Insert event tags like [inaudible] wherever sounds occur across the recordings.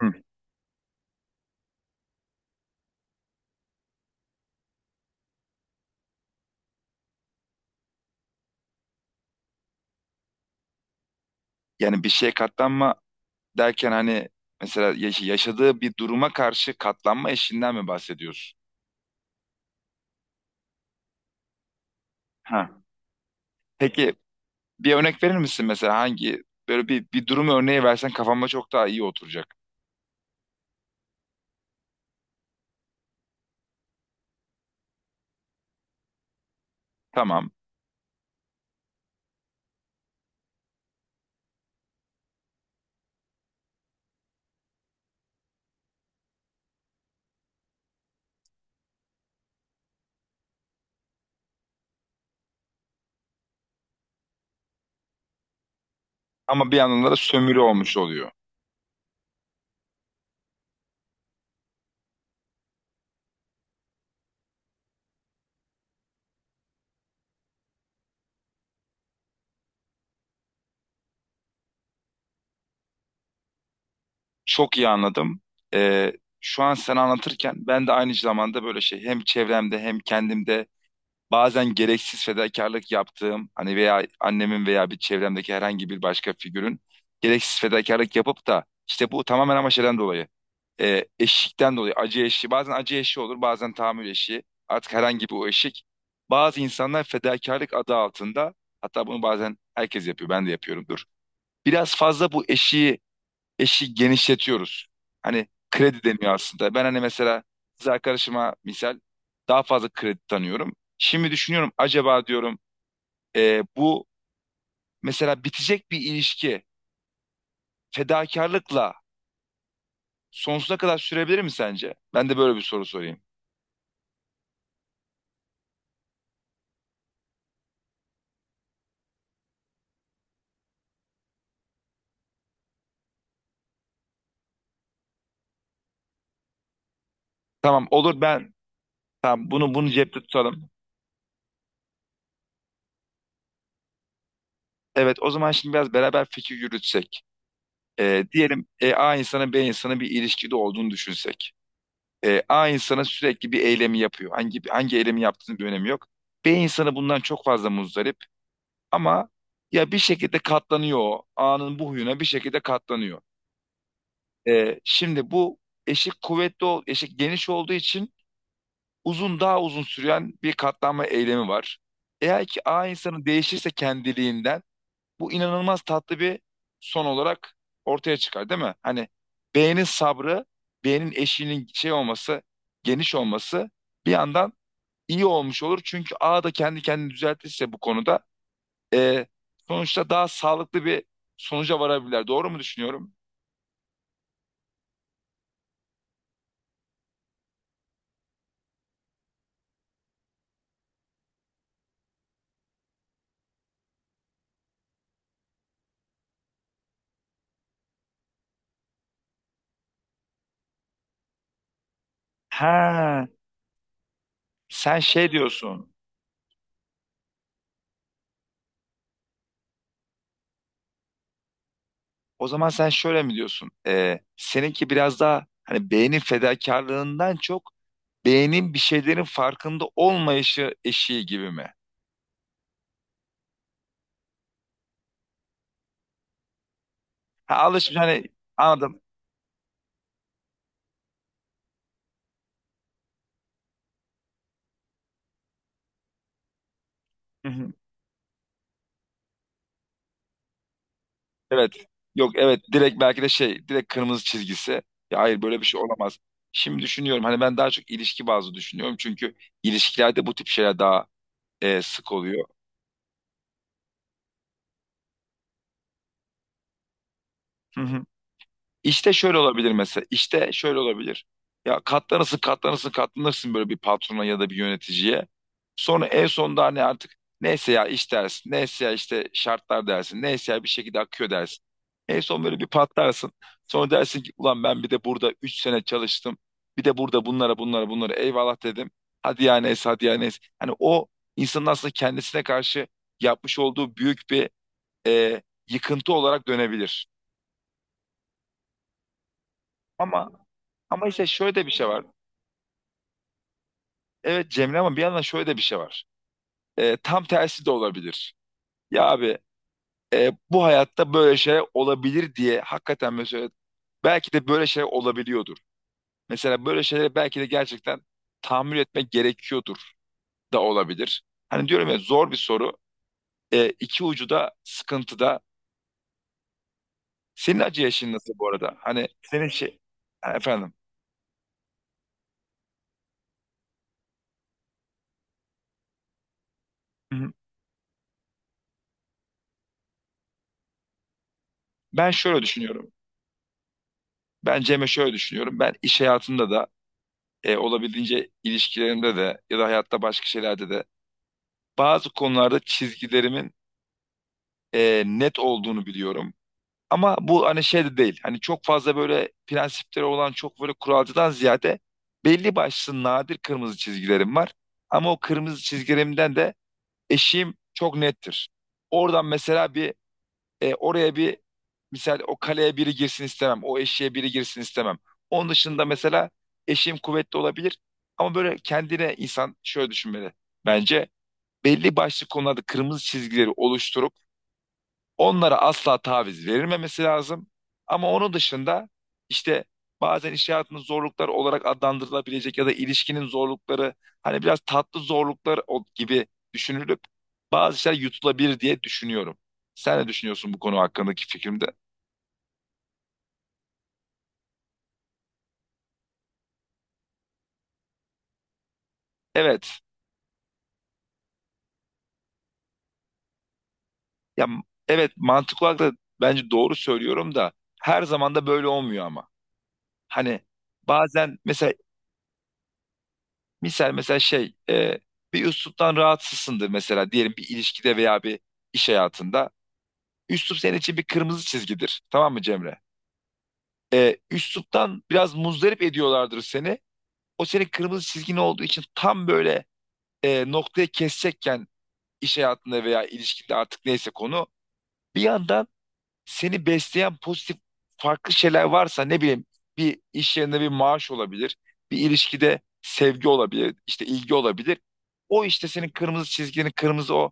Hı. Yani bir şeye katlanma derken hani mesela yaşadığı bir duruma karşı katlanma eşiğinden mi bahsediyorsun? Ha. Peki bir örnek verir misin mesela hangi böyle bir durum örneği versen kafamda çok daha iyi oturacak. Tamam. Ama bir yandan da sömürü olmuş oluyor. Çok iyi anladım. Ee, Şu an sen anlatırken ben de aynı zamanda böyle şey hem çevremde hem kendimde bazen gereksiz fedakarlık yaptığım hani veya annemin veya bir çevremdeki herhangi bir başka figürün gereksiz fedakarlık yapıp da işte bu tamamen ama şeyden dolayı eşikten dolayı acı eşiği, bazen acı eşiği olur bazen tahammül eşiği, artık herhangi bir o eşik, bazı insanlar fedakarlık adı altında, hatta bunu bazen herkes yapıyor ben de yapıyorumdur, biraz fazla bu eşiği genişletiyoruz. Hani kredi deniyor aslında. Ben hani mesela kız arkadaşıma misal daha fazla kredi tanıyorum. Şimdi düşünüyorum acaba diyorum, bu mesela bitecek bir ilişki fedakarlıkla sonsuza kadar sürebilir mi sence? Ben de böyle bir soru sorayım. Tamam, olur, ben tamam, bunu cepte tutalım. Evet, o zaman şimdi biraz beraber fikir yürütsek. Diyelim A insanı B insanı bir ilişkide olduğunu düşünsek. E, A insana sürekli bir eylemi yapıyor. Hangi eylemi yaptığının bir önemi yok. B insanı bundan çok fazla muzdarip, ama ya bir şekilde katlanıyor o. A'nın bu huyuna bir şekilde katlanıyor. E, şimdi bu eşik kuvvetli, eşik geniş olduğu için daha uzun süren bir katlanma eylemi var. Eğer ki A insanı değişirse kendiliğinden, bu inanılmaz tatlı bir son olarak ortaya çıkar değil mi? Hani B'nin sabrı, B'nin eşiğinin şey olması, geniş olması bir yandan iyi olmuş olur. Çünkü A da kendi kendini düzeltirse bu konuda e, sonuçta daha sağlıklı bir sonuca varabilirler. Doğru mu düşünüyorum? Ha, sen şey diyorsun. O zaman sen şöyle mi diyorsun? E, seninki biraz daha hani beynin fedakarlığından çok beynin bir şeylerin farkında olmayışı eşiği gibi mi? Ha, alışmış hani, anladım. [laughs] Evet. Yok, evet, direkt belki de şey, direkt kırmızı çizgisi. Ya hayır, böyle bir şey olamaz. Şimdi düşünüyorum hani ben daha çok ilişki bazlı düşünüyorum. Çünkü ilişkilerde bu tip şeyler daha sık oluyor. Hı hı. İşte şöyle olabilir mesela. İşte şöyle olabilir. Ya katlanırsın, katlanırsın, katlanırsın böyle bir patrona ya da bir yöneticiye. Sonra en sonunda hani artık neyse ya iş dersin, neyse ya işte şartlar dersin, neyse ya bir şekilde akıyor dersin. En son böyle bir patlarsın. Sonra dersin ki ulan ben bir de burada 3 sene çalıştım. Bir de burada bunlara eyvallah dedim. Hadi ya neyse, hadi ya neyse. Hani o insanın aslında kendisine karşı yapmış olduğu büyük bir e, yıkıntı olarak dönebilir. Ama Ama işte şöyle de bir şey var. Evet Cemre, ama bir yandan şöyle de bir şey var. Tam tersi de olabilir. Ya abi, bu hayatta böyle şeyler olabilir diye hakikaten, mesela belki de böyle şeyler olabiliyordur. Mesela böyle şeyleri belki de gerçekten tahammül etmek gerekiyordur da olabilir. Hani diyorum ya, zor bir soru. İki ucu da sıkıntıda. Senin acı yaşın nasıl bu arada? Hani senin şey, ha, efendim. Hı hı. Ben şöyle düşünüyorum. Ben Cem'e şöyle düşünüyorum. Ben iş hayatında da olabildiğince ilişkilerimde de ya da hayatta başka şeylerde de bazı konularda çizgilerimin net olduğunu biliyorum. Ama bu hani şey de değil. Hani çok fazla böyle prensipleri olan çok böyle kuralcıdan ziyade belli başlı nadir kırmızı çizgilerim var. Ama o kırmızı çizgilerimden de eşiğim çok nettir. Oradan mesela bir oraya bir misal, o kaleye biri girsin istemem. O eşiğe biri girsin istemem. Onun dışında mesela eşim kuvvetli olabilir. Ama böyle kendine insan şöyle düşünmeli. Bence belli başlı konularda kırmızı çizgileri oluşturup onlara asla taviz verilmemesi lazım. Ama onun dışında işte bazen iş hayatının zorluklar olarak adlandırılabilecek ya da ilişkinin zorlukları hani biraz tatlı zorluklar gibi düşünülüp bazı şeyler yutulabilir diye düşünüyorum. Sen ne düşünüyorsun bu konu hakkındaki fikrimde? Evet. Ya m- evet, mantıklı olarak da bence doğru söylüyorum da her zaman da böyle olmuyor ama. Hani bazen mesela, misal mesela şey bir üsluptan rahatsızsındır mesela, diyelim bir ilişkide veya bir iş hayatında. Üslup senin için bir kırmızı çizgidir. Tamam mı Cemre? E, üsluptan biraz muzdarip ediyorlardır seni. O senin kırmızı çizgin olduğu için tam böyle noktaya kesecekken iş hayatında veya ilişkide artık neyse konu. Bir anda seni besleyen pozitif farklı şeyler varsa, ne bileyim, bir iş yerinde bir maaş olabilir, bir ilişkide sevgi olabilir, işte ilgi olabilir. O işte senin kırmızı çizgini, kırmızı o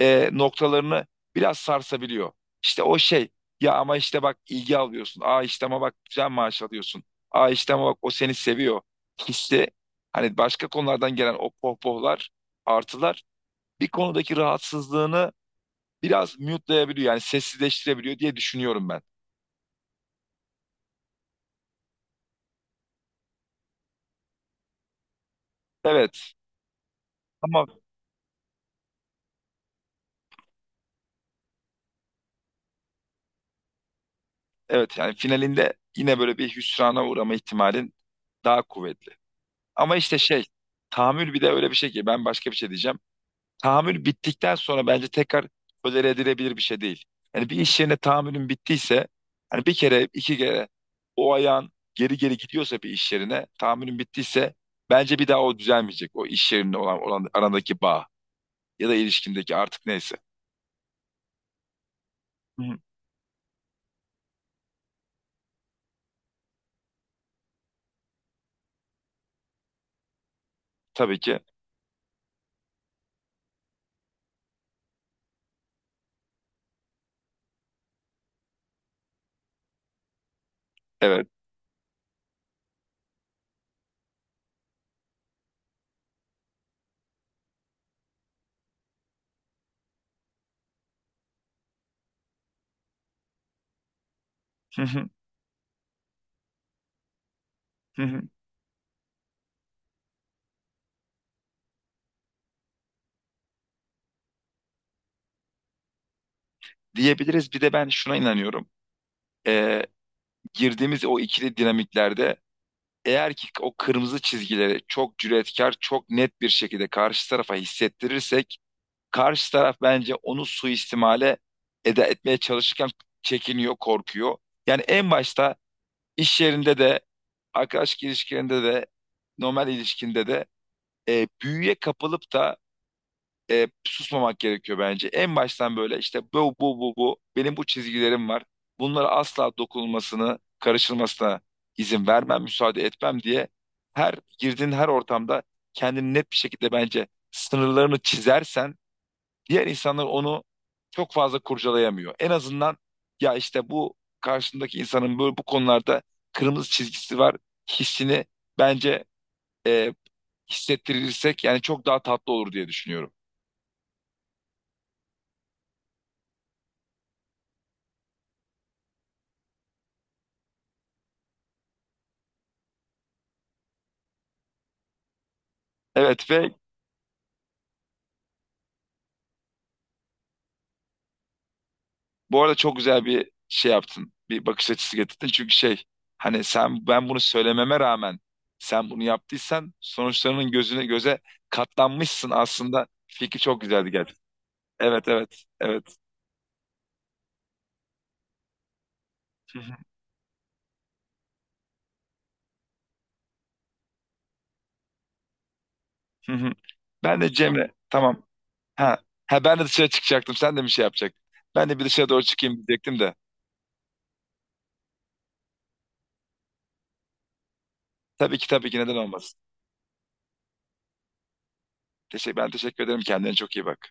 noktalarını biraz sarsabiliyor. İşte o şey, ya ama işte bak ilgi alıyorsun. Aa işte ama bak güzel maaş alıyorsun. Aa işte ama bak o seni seviyor. Hissi hani başka konulardan gelen o pohpohlar, artılar bir konudaki rahatsızlığını biraz mute'layabiliyor, yani sessizleştirebiliyor diye düşünüyorum ben. Evet. Ama evet, yani finalinde yine böyle bir hüsrana uğrama ihtimalin daha kuvvetli. Ama işte şey, tahammül bir de öyle bir şey ki ben başka bir şey diyeceğim. Tahammül bittikten sonra bence tekrar tolere edilebilir bir şey değil. Yani bir iş yerine tahammülün bittiyse hani bir kere iki kere o ayağın geri geri gidiyorsa bir iş yerine tahammülün bittiyse bence bir daha o düzelmeyecek. O iş yerinde olan arandaki bağ ya da ilişkindeki artık neyse. Hı hı. Tabii ki evet. Hı hı. Hı hı. Diyebiliriz. Bir de ben şuna inanıyorum. Ee, Girdiğimiz o ikili dinamiklerde eğer ki o kırmızı çizgileri çok cüretkar, çok net bir şekilde karşı tarafa hissettirirsek, karşı taraf bence onu suistimale eda etmeye çalışırken çekiniyor, korkuyor. Yani en başta iş yerinde de, arkadaş ilişkilerinde de, normal ilişkinde de büyüye kapılıp da susmamak gerekiyor bence. En baştan böyle işte bu benim bu çizgilerim var. Bunlara asla dokunulmasını, karışılmasına izin vermem, müsaade etmem diye her girdiğin her ortamda kendini net bir şekilde bence sınırlarını çizersen diğer insanlar onu çok fazla kurcalayamıyor. En azından ya işte bu karşındaki insanın böyle bu konularda kırmızı çizgisi var hissini bence e, hissettirirsek yani çok daha tatlı olur diye düşünüyorum. Evet ve bu arada çok güzel bir şey yaptın. Bir bakış açısı getirdin. Çünkü şey, hani sen, ben bunu söylememe rağmen sen bunu yaptıysan sonuçlarının göze katlanmışsın aslında. Fikri çok güzeldi gerçekten. Evet, evet, evet. Hı hı, hı hı. Ben de Cemre, tamam. Ha, ha, ben de dışarı çıkacaktım. Sen de bir şey yapacaktın. Ben de bir dışarı doğru çıkayım diyecektim de. Tabii ki, tabii ki, neden olmasın. Teşekkür, ben teşekkür ederim. Kendine çok iyi bak.